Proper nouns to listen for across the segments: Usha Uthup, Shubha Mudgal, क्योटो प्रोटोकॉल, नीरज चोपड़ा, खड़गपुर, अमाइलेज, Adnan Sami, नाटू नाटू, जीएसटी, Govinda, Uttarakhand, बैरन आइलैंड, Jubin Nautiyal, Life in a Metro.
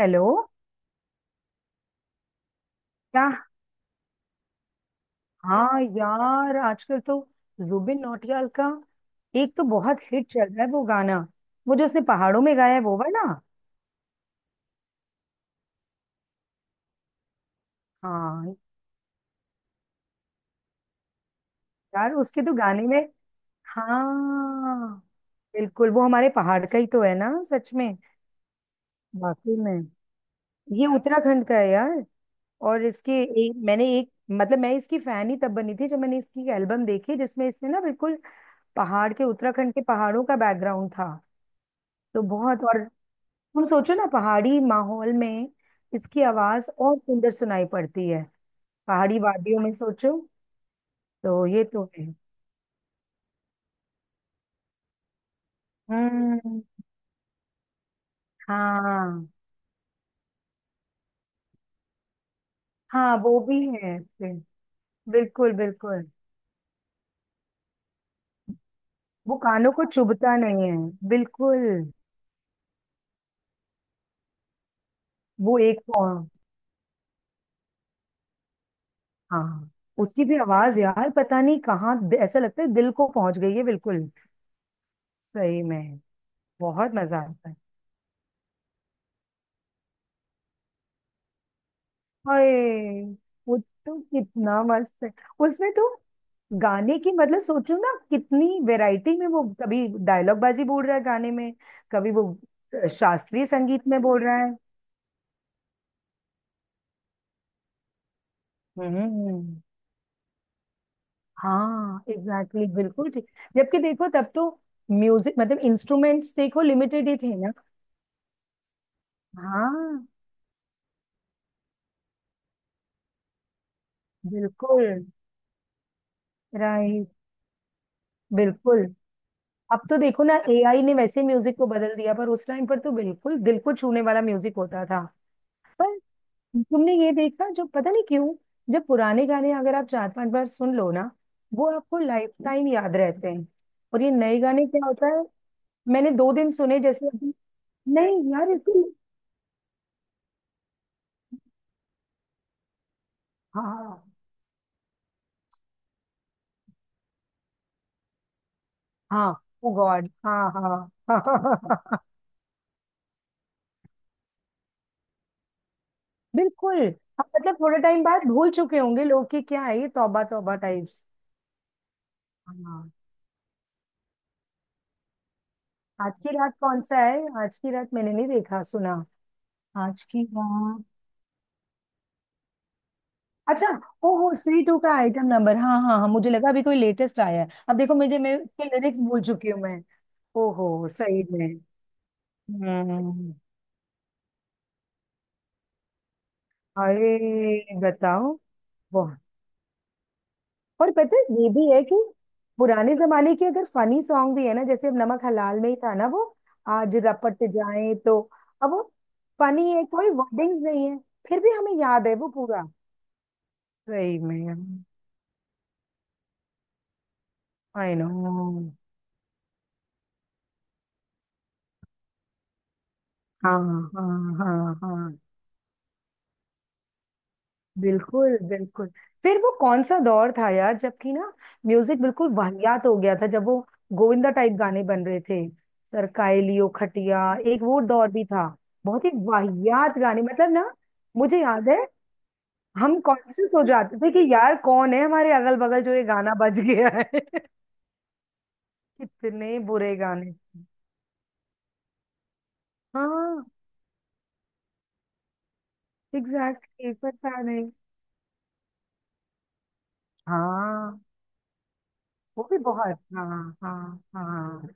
Hello. क्या? हाँ यार, आजकल तो जुबिन नौटियाल का एक तो बहुत हिट चल रहा है वो गाना। वो जो उसने पहाड़ों में गाया है वो वाला। हाँ यार, उसके तो गाने में। हाँ, बिल्कुल वो हमारे पहाड़ का ही तो है ना, सच में। वाकई में। ये उत्तराखंड का है यार। और इसके एक मैंने एक मतलब मैं इसकी फैन ही तब बनी थी जब मैंने इसकी एल्बम देखी जिसमें इसने ना बिल्कुल पहाड़ के उत्तराखंड के पहाड़ों का बैकग्राउंड था। तो बहुत। और तुम सोचो ना, पहाड़ी माहौल में इसकी आवाज और सुंदर सुनाई पड़ती है। पहाड़ी वादियों में सोचो। तो ये तो है। हम्म। हाँ हाँ, वो भी है फिर। बिल्कुल बिल्कुल, वो कानों को चुभता नहीं है। बिल्कुल। वो एक पौ- हाँ, उसकी भी आवाज यार, पता नहीं कहाँ। ऐसा लगता है दिल को पहुंच गई है बिल्कुल। सही में। बहुत मजा आता है। हाय, वो तो कितना मस्त है। उसमें तो गाने की मतलब सोचो ना, कितनी वैरायटी में वो कभी डायलॉग बाजी बोल रहा है गाने में। कभी वो शास्त्रीय संगीत में बोल रहा है। हम्म। हाँ एग्जैक्टली, बिल्कुल ठीक। जबकि देखो, तब तो म्यूजिक मतलब इंस्ट्रूमेंट्स देखो लिमिटेड ही थे ना। हाँ। बिल्कुल। राइट। बिल्कुल। अब तो देखो ना, एआई ने वैसे म्यूजिक को बदल दिया, पर उस टाइम पर तो बिल्कुल दिल को छूने वाला म्यूजिक होता था। पर तुमने ये देखा, जो पता नहीं क्यों जब पुराने गाने अगर आप 4 5 बार सुन लो ना, वो आपको लाइफ टाइम याद रहते हैं। और ये नए गाने क्या होता है। मैंने 2 दिन सुने जैसे अभी। नहीं यार, इसकी। हाँ हाँ ओ गॉड हाँ हाँ। हाँ। बिल्कुल। अब मतलब थोड़े टाइम बाद भूल चुके होंगे लोग कि क्या है ये तौबा तौबा टाइप्स। हाँ। आज की रात कौन सा है, आज की रात मैंने नहीं देखा सुना। आज की रात। अच्छा। ओहो, सी टू का आइटम नंबर, हाँ हाँ हाँ, मुझे लगा अभी कोई लेटेस्ट आया है। अब देखो मुझे, मैं उसके लिरिक्स भूल चुकी हूँ मैं। ओहो, सही में। हम्म। अरे बताओ। वाह। और पता है ये भी है कि पुराने जमाने के अगर फनी सॉन्ग भी है ना, जैसे अब नमक हलाल में ही था ना वो, आज रपट जाए तो। अब वो फनी है, कोई वर्डिंग्स नहीं है, फिर भी हमें याद है वो पूरा। सही में। I know. हाँ हाँ हाँ हाँ। बिल्कुल बिल्कुल। फिर वो कौन सा दौर था यार, जबकि ना म्यूजिक बिल्कुल वाहियात हो गया था, जब वो गोविंदा टाइप गाने बन रहे थे। सरकाए लियो खटिया। एक वो दौर भी था। बहुत ही वाहियात गाने मतलब ना। मुझे याद है। हम कॉन्शियस हो जाते थे कि यार, कौन है हमारे अगल बगल जो ये गाना बज गया है। कितने बुरे गाने थे। हाँ एग्जैक्टली, पता नहीं। हाँ, वो भी बहुत। हाँ। हाँ हाँ।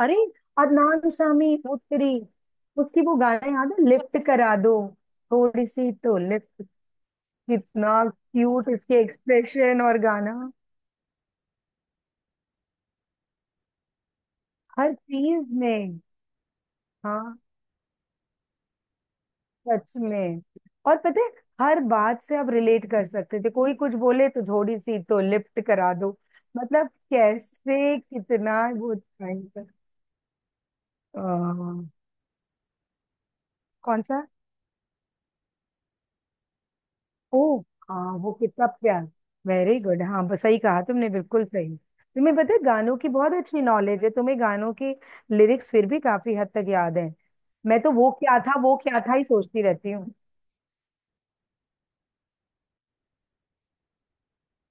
अरे, अदनान सामी, वो तेरी। उसकी वो गाना याद है, लिफ्ट करा दो, थोड़ी सी तो लिफ्ट। कितना क्यूट, इसके एक्सप्रेशन और गाना। हर चीज में। हाँ। सच में। और पता है, हर बात से आप रिलेट कर सकते थे, कोई कुछ बोले तो थोड़ी सी तो लिफ्ट करा दो। मतलब, कैसे कितना वो time पर-। आ। कौन सा? ओह। हाँ वो कितना प्यार। वेरी गुड हाँ, बस सही कहा तुमने, बिल्कुल सही। तुम्हें पता है, गानों की बहुत अच्छी नॉलेज है तुम्हें, गानों की लिरिक्स फिर भी काफी हद तक याद है। मैं तो वो क्या था ही सोचती रहती हूँ।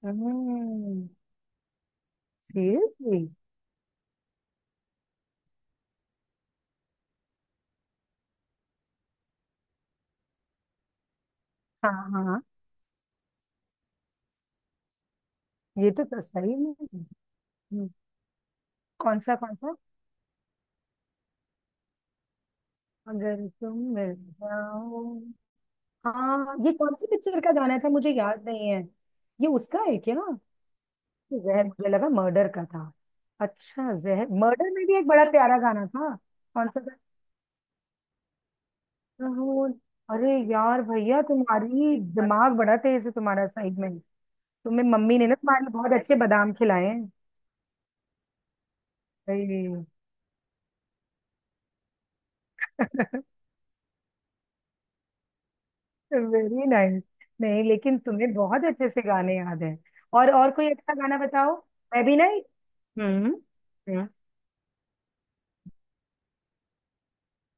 हम्म। सीरियसली। हाँ हाँ। ये तो, सही में। हम्म। कौन सा कौन सा। अगर तुम मिल जाओ। हाँ, ये कौन सी पिक्चर का गाना था मुझे याद नहीं है। ये उसका है क्या? जहर, मुझे लगा मर्डर का था। अच्छा, जहर। मर्डर में भी एक बड़ा प्यारा गाना था। कौन सा गाना था वो? अरे यार भैया, तुम्हारी दिमाग बड़ा तेज है, तुम्हारा साइड में। तुम्हें मम्मी ने ना तुम्हारे लिए बहुत अच्छे बादाम खिलाए हैं। Very nice. नहीं लेकिन तुम्हें बहुत अच्छे से गाने याद हैं। और कोई अच्छा गाना बताओ। मैं भी नहीं। हम्म। हम्म।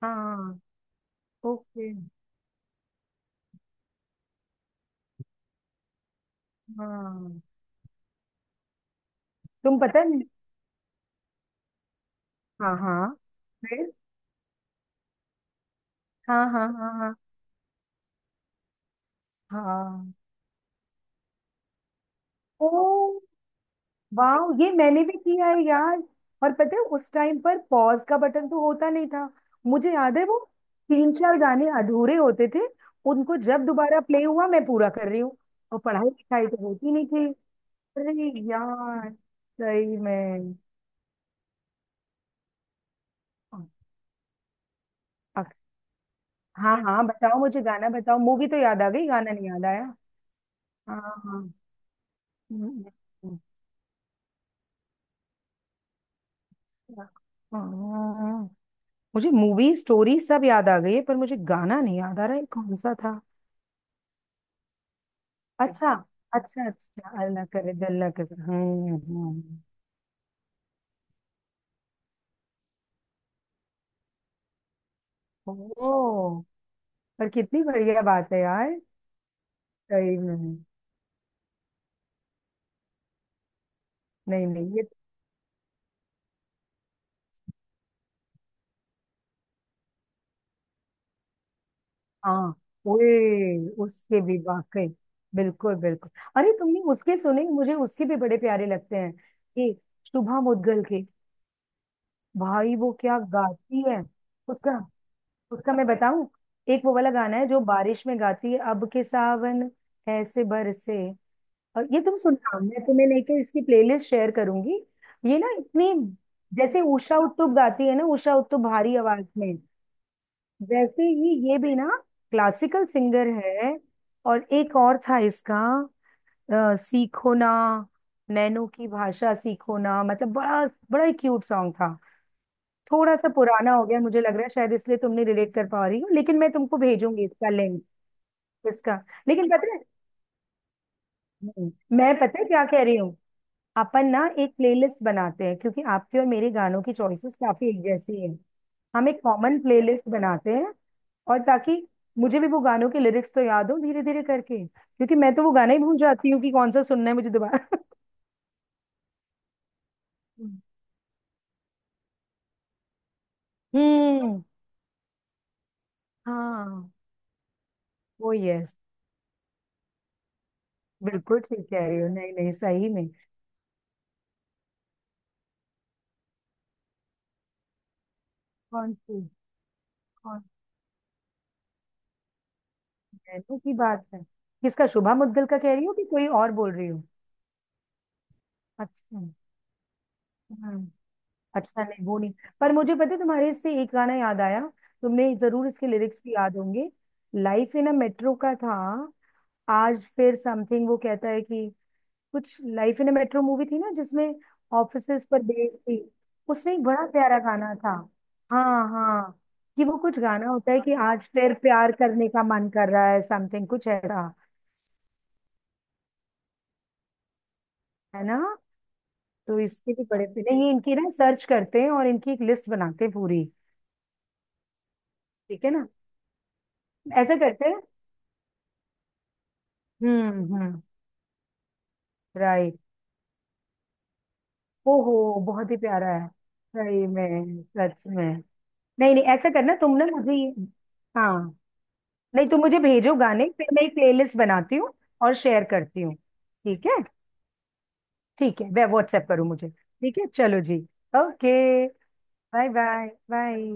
हाँ। ओके। हाँ। तुम पता नहीं। हाँ हाँ। फिर। हाँ हाँ हाँ हाँ। हाँ। ओ। वाह। ये मैंने भी किया है यार। और पता है उस टाइम पर पॉज का बटन तो होता नहीं था। मुझे याद है वो, 3 4 गाने अधूरे होते थे। उनको जब दोबारा प्ले हुआ, मैं पूरा कर रही हूँ। और पढ़ाई लिखाई तो होती नहीं थी। अरे यार। सही में। अ- हाँ हाँ, बताओ, मुझे गाना बताओ। मूवी तो याद आ गई, गाना नहीं याद आया। हाँ। हाँ। हम्म। हम्म। हम्म। हाँ, मुझे मूवी स्टोरी सब याद आ गई है पर मुझे गाना नहीं याद आ रहा है कौन सा था। अच्छा। अच्छा, अच्छा अल्लाह करे, अल्लाह के साथ। हम्म। ओ। पर कितनी बढ़िया बात है यार। सही में। नहीं नहीं, ये तो। हाँ। ओए, उसके भी वाकई। बिल्कुल बिल्कुल। अरे तुमने उसके सुने? मुझे उसके भी बड़े प्यारे लगते हैं, कि शुभा मुद्गल के। भाई वो क्या गाती है। उसका उसका मैं बताऊं। एक वो वाला गाना है जो बारिश में गाती है, अब के सावन ऐसे बरसे। और ये तुम सुनना, मैं तुम्हें लेके इसकी प्लेलिस्ट शेयर करूंगी। ये ना इतनी, जैसे उषा उत्तुप गाती है ना, उषा उत्तुप भारी आवाज में। वैसे ही ये भी ना क्लासिकल सिंगर है। और एक और था इसका, सीखो ना, नैनो की भाषा सीखो ना, मतलब बड़ा, बड़ा ही क्यूट सॉन्ग था। थोड़ा सा पुराना हो गया मुझे लग रहा है शायद, इसलिए तुम नहीं रिलेट कर पा रही हो, लेकिन मैं तुमको भेजूंगी इसका लिंक। इसका। लेकिन पता है, मैं पता है क्या कह रही हूँ, अपन ना एक प्लेलिस्ट बनाते हैं, क्योंकि आपके और मेरे गानों की चॉइसेस काफी एक जैसी हैं। हम एक कॉमन प्लेलिस्ट बनाते हैं, और ताकि मुझे भी वो गानों के लिरिक्स तो याद हो धीरे धीरे करके, क्योंकि मैं तो वो गाना ही भूल जाती हूँ कि कौन सा सुनना है मुझे दोबारा। हम्म। हाँ। वो यस, बिल्कुल ठीक कह रही हो। नहीं नहीं, सही में। कौन सी कौन सी। नैनो की बात है। किसका, शुभा मुद्गल का कह रही हो कि कोई और बोल रही हो? अच्छा। हाँ। अच्छा नहीं, वो नहीं। पर मुझे पता है, तुम्हारे इससे एक गाना याद आया, तुमने जरूर इसके लिरिक्स भी याद होंगे। लाइफ इन अ मेट्रो का था, आज फिर समथिंग वो कहता है कि कुछ। Life in a metro movie थी ना, जिसमें ऑफिसेस पर बेस्ड थी। उसमें एक बड़ा प्यारा गाना था। हाँ हाँ। कि वो कुछ गाना होता है कि आज फिर प्यार करने का मन कर रहा है, समथिंग कुछ ऐसा। है ना। तो इसके भी बड़े, नहीं इनकी ना सर्च करते हैं और इनकी एक लिस्ट बनाते हैं पूरी। ठीक है ना। ऐसा करते हैं। हम्म। राइट। ओहो, बहुत ही प्यारा है। सही में, सच में। नहीं नहीं, ऐसा करना तुम ना मुझे ये-। हाँ। नहीं तुम मुझे भेजो गाने, फिर मैं एक प्लेलिस्ट बनाती हूँ और शेयर करती हूँ। ठीक है। ठीक है, मैं व्हाट्सएप करूँ मुझे, ठीक है, चलो जी। Okay, bye bye bye.